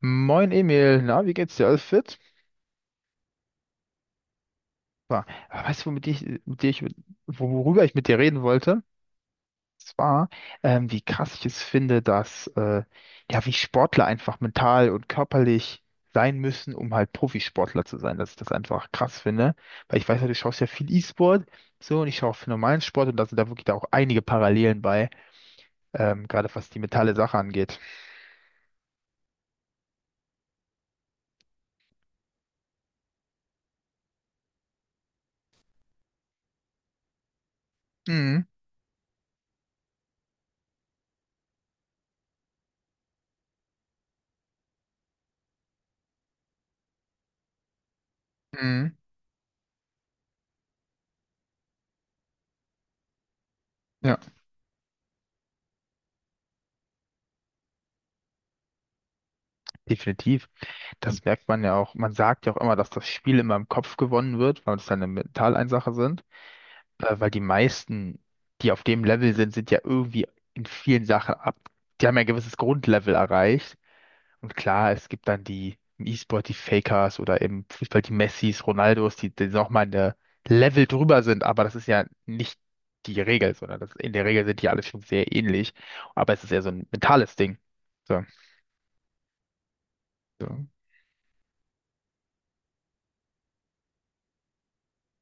Moin Emil, na, wie geht's dir? Alles fit? Super. Aber weißt du, womit ich, mit dir ich, worüber ich mit dir reden wollte? Zwar, wie krass ich es finde, dass, ja, wie Sportler einfach mental und körperlich sein müssen, um halt Profisportler zu sein, dass ich das einfach krass finde. Weil ich weiß ja, du schaust ja viel E-Sport, so, und ich schaue auch viel normalen Sport und da sind da wirklich da auch einige Parallelen bei, gerade was die mentale Sache angeht. Mhm. Mhm. Ja, definitiv. Das merkt man ja auch. Man sagt ja auch immer, dass das Spiel immer im Kopf gewonnen wird, weil es dann eine Mentaleinsache sind. Weil die meisten, die auf dem Level sind, sind ja irgendwie in vielen Sachen ab. Die haben ja ein gewisses Grundlevel erreicht. Und klar, es gibt dann die im E-Sport, die Fakers oder im Fußball die Messis, Ronaldos, die, die nochmal eine Level drüber sind. Aber das ist ja nicht die Regel, sondern das, in der Regel sind die alle schon sehr ähnlich. Aber es ist ja so ein mentales Ding. So, so.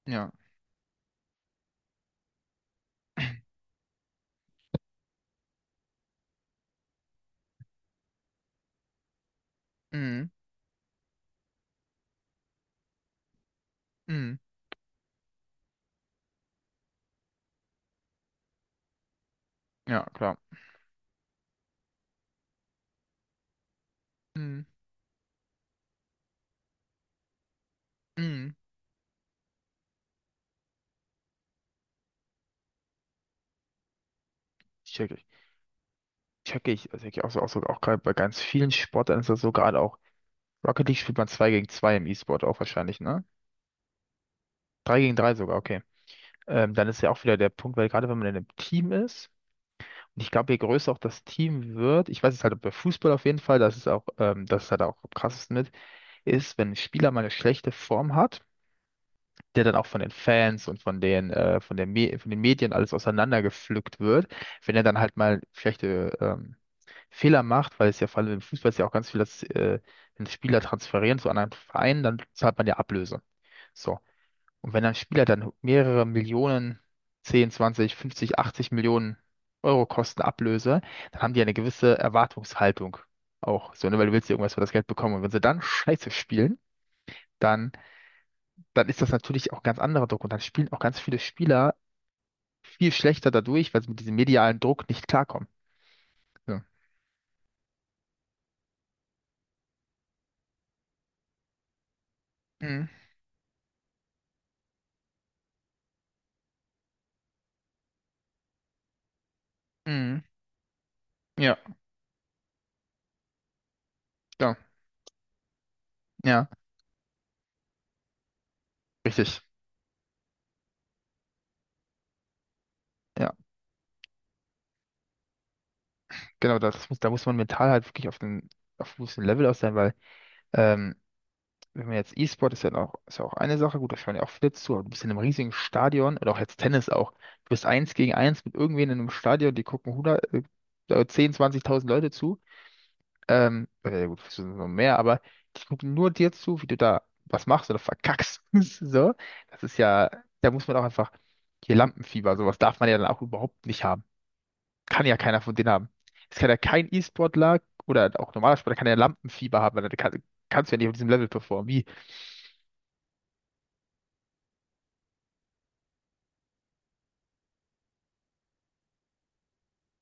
Ja. Mhm. Mhm. Ja, klar. Mhm. Mhm. Check ich. Check ich. Also ich auch, auch, so, auch gerade bei ganz vielen Sportarten ist das so gerade auch. Rocket League spielt man 2 gegen 2 im E-Sport auch wahrscheinlich, ne? Drei gegen 3 sogar, okay. Dann ist ja auch wieder der Punkt, weil gerade wenn man in einem Team ist, und ich glaube, je größer auch das Team wird, ich weiß es halt bei Fußball auf jeden Fall, das ist auch, das ist halt auch am krassesten mit, ist, wenn ein Spieler mal eine schlechte Form hat, der dann auch von den Fans und von den, von der Me von den Medien alles auseinandergepflückt wird, wenn er dann halt mal schlechte Fehler macht, weil es ja vor allem im Fußball ist ja auch ganz viel, dass wenn Spieler transferieren zu anderen Vereinen, dann zahlt man ja Ablöse. So. Und wenn ein Spieler dann mehrere Millionen, 10, 20, 50, 80 Millionen Euro kosten Ablöse, dann haben die eine gewisse Erwartungshaltung auch. So, ne? Weil du willst ja irgendwas für das Geld bekommen. Und wenn sie dann Scheiße spielen, dann ist das natürlich auch ganz anderer Druck und dann spielen auch ganz viele Spieler viel schlechter dadurch, weil sie mit diesem medialen Druck nicht klarkommen. So. Mhm. Mhm. Ja, ja, ja, richtig. Ja, genau, das muss, da muss man mental halt wirklich auf einem gewissen Level aus sein, weil ähm, wenn man jetzt E-Sport ist ja auch eine Sache, gut, da schauen ja auch viele zu, aber du bist in einem riesigen Stadion oder auch jetzt Tennis auch, du bist eins gegen eins mit irgendwen in einem Stadion, die gucken 10, 20.000 Leute zu. Oder ja gut, es sind noch mehr, aber die gucken nur dir zu, wie du da was machst oder verkackst. So, das ist ja, da muss man auch einfach, hier Lampenfieber, sowas darf man ja dann auch überhaupt nicht haben. Kann ja keiner von denen haben. Es kann ja kein E-Sportler oder auch normaler Sportler kann ja Lampenfieber haben, weil da kann, kannst du ja nicht auf diesem Level performen. Wie?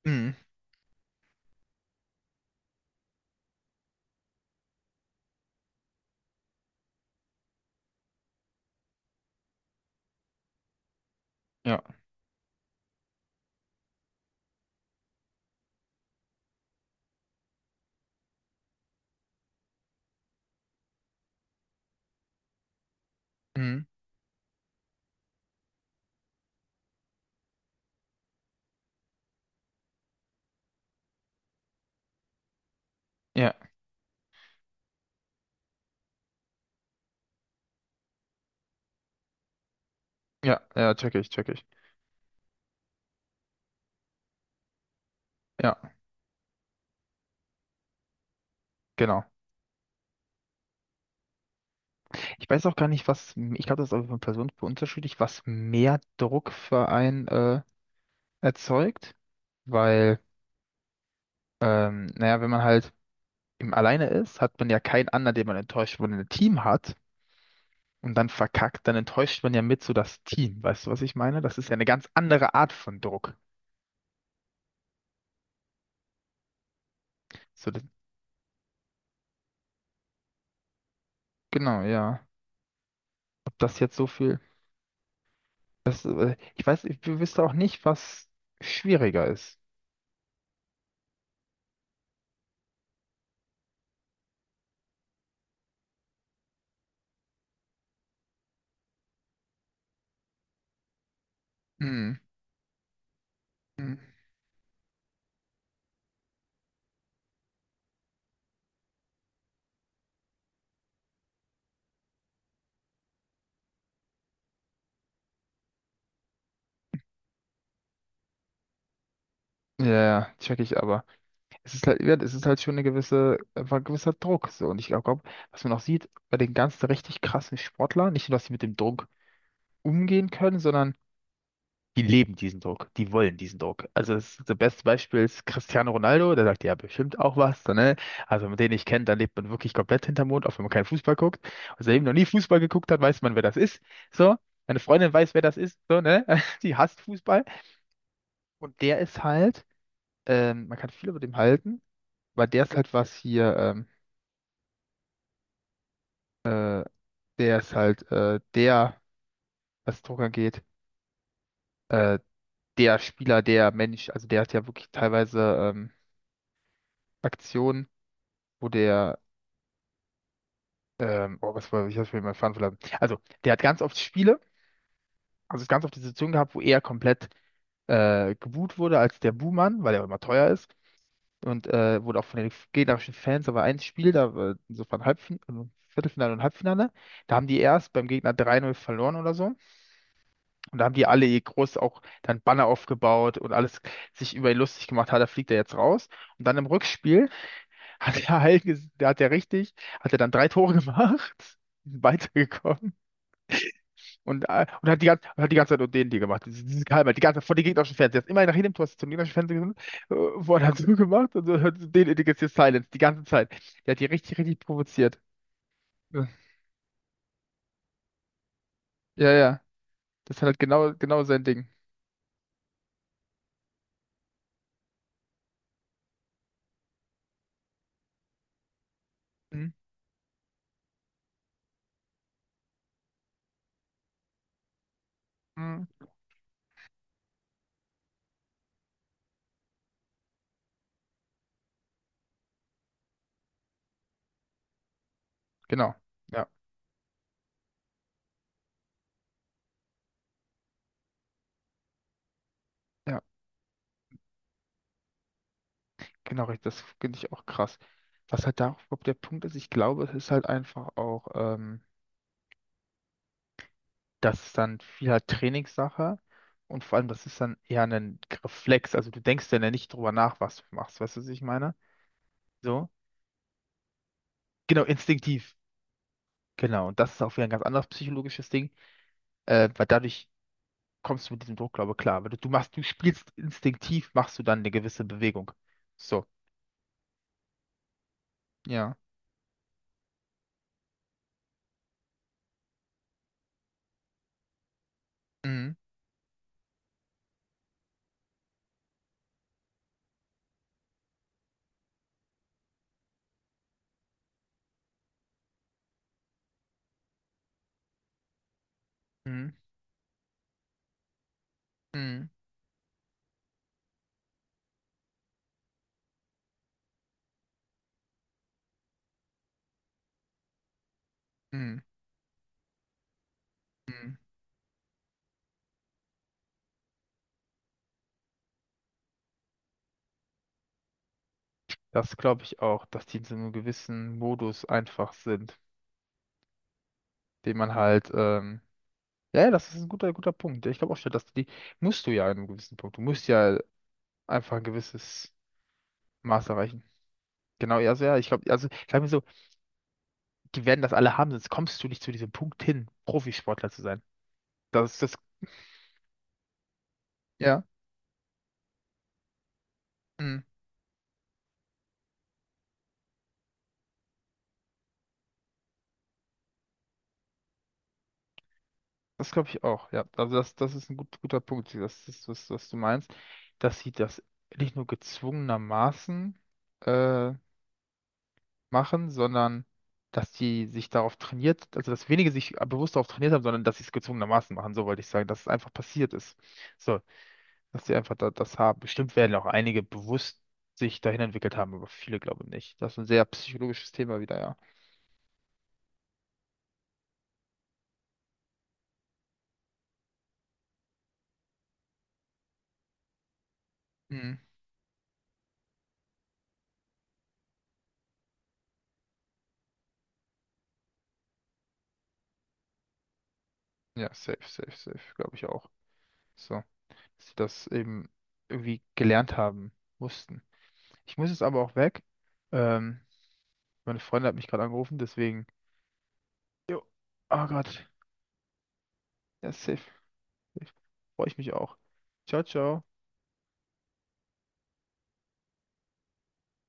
Mhm. Ja, mhm. Ja, ja, ja, check ich, check ich. Ja, genau. Ich weiß auch gar nicht, was, ich glaube, das ist auch von Person zu Person unterschiedlich, was mehr Druck für einen erzeugt, weil naja, wenn man halt eben alleine ist, hat man ja keinen anderen, den man enttäuscht. Wenn man ein Team hat und dann verkackt, dann enttäuscht man ja mit so das Team. Weißt du, was ich meine? Das ist ja eine ganz andere Art von Druck. So, das, genau, ja. Ob das jetzt so viel. Das, ich weiß, ich wüsste auch nicht, was schwieriger ist. Hm. Hm. Ja, ja, check ich aber. Es ist halt, ja, es ist halt schon eine gewisse, einfach ein gewisser Druck. So. Und ich glaube, was man auch sieht, bei den ganzen richtig krassen Sportlern, nicht nur, dass sie mit dem Druck umgehen können, sondern die leben diesen Druck, die wollen diesen Druck. Also das beste Beispiel ist Cristiano Ronaldo, der sagt ja bestimmt auch was, so, ne? Also wenn man den nicht kennt, dann lebt man wirklich komplett hinterm Mond, auch wenn man keinen Fußball guckt. Also eben noch nie Fußball geguckt hat, weiß man, wer das ist. So, meine Freundin weiß, wer das ist, so, ne? Die hasst Fußball. Und der ist halt, man kann viel über dem halten, weil der ist halt was hier, der ist halt der, was Druck angeht, äh, der Spieler, der Mensch, also der hat ja wirklich teilweise Aktionen, wo der oh, was war, ich hab's mir mal fahren verlassen. Also, der hat ganz oft Spiele, also es ganz oft die Situation gehabt, wo er komplett geboot wurde als der Buhmann, weil er immer teuer ist. Und wurde auch von den gegnerischen Fans, aber ein Spiel, da war insofern Halbfinale, Viertelfinale und Halbfinale, da haben die erst beim Gegner 3:0 verloren oder so. Und da haben die alle ihr groß auch dann Banner aufgebaut und alles sich über ihn lustig gemacht, hat, da fliegt er jetzt raus. Und dann im Rückspiel hat er halt, da hat er richtig, hat er dann drei Tore gemacht, weitergekommen. Und hat die ganze, hat die ganze Zeit nur den die gemacht. Diese Geheimheit, die ganze Zeit vor dem gegnerischen Fernseher. Ist immer nach jedem Tor ist zum gegnerischen Fernseher gesund. Wort hat so gemacht und so hat den etikettiert Silence die ganze Zeit. Der hat die richtig, richtig provoziert. Ja, ja. ja. Das ist halt genau, genau sein Ding. Mhm. Mhm. Genau. Ja, ja, genau richtig. Das finde ich auch krass. Was halt da überhaupt der Punkt ist, ich glaube, es ist halt einfach auch, das ist dann viel halt Trainingssache und vor allem, das ist dann eher ein Reflex. Also du denkst dann ja nicht drüber nach, was du machst. Weißt du, was ich meine? So, genau, instinktiv. Genau, und das ist auch wieder ein ganz anderes psychologisches Ding, weil dadurch kommst du mit diesem Druck, glaube ich, klar. Weil du machst, du spielst instinktiv, machst du dann eine gewisse Bewegung. So, ja. Mhm, mhm, mhm, mhm, mhm. Das glaube ich auch, dass die in so einem gewissen Modus einfach sind, den man halt, ja, ja, das ist ein guter, guter Punkt. Ich glaube auch schon, dass die, musst du ja in einem gewissen Punkt, du musst ja einfach ein gewisses Maß erreichen. Genau, ja, also ja, ich glaube, also, ich habe mir so die werden das alle haben, sonst kommst du nicht zu diesem Punkt hin, Profisportler zu sein. Das ist das, ja, mm, das glaube ich auch, ja. Also das ist ein guter Punkt, das ist, was du meinst, dass sie das nicht nur gezwungenermaßen äh, machen, sondern dass die sich darauf trainiert, also dass wenige sich bewusst darauf trainiert haben, sondern dass sie es gezwungenermaßen machen, so wollte ich sagen, dass es einfach passiert ist. So, dass sie einfach da, das haben. Bestimmt werden auch einige bewusst sich dahin entwickelt haben, aber viele glaube ich nicht. Das ist ein sehr psychologisches Thema wieder, ja. Mhm. Ja, safe, safe, safe, glaube ich auch. So, dass sie das eben irgendwie gelernt haben mussten. Ich muss jetzt aber auch weg. Ähm, meine Freundin hat mich gerade angerufen, deswegen. Jo. Oh Gott. Ja, safe, safe. Freue ich mich auch. Ciao, ciao.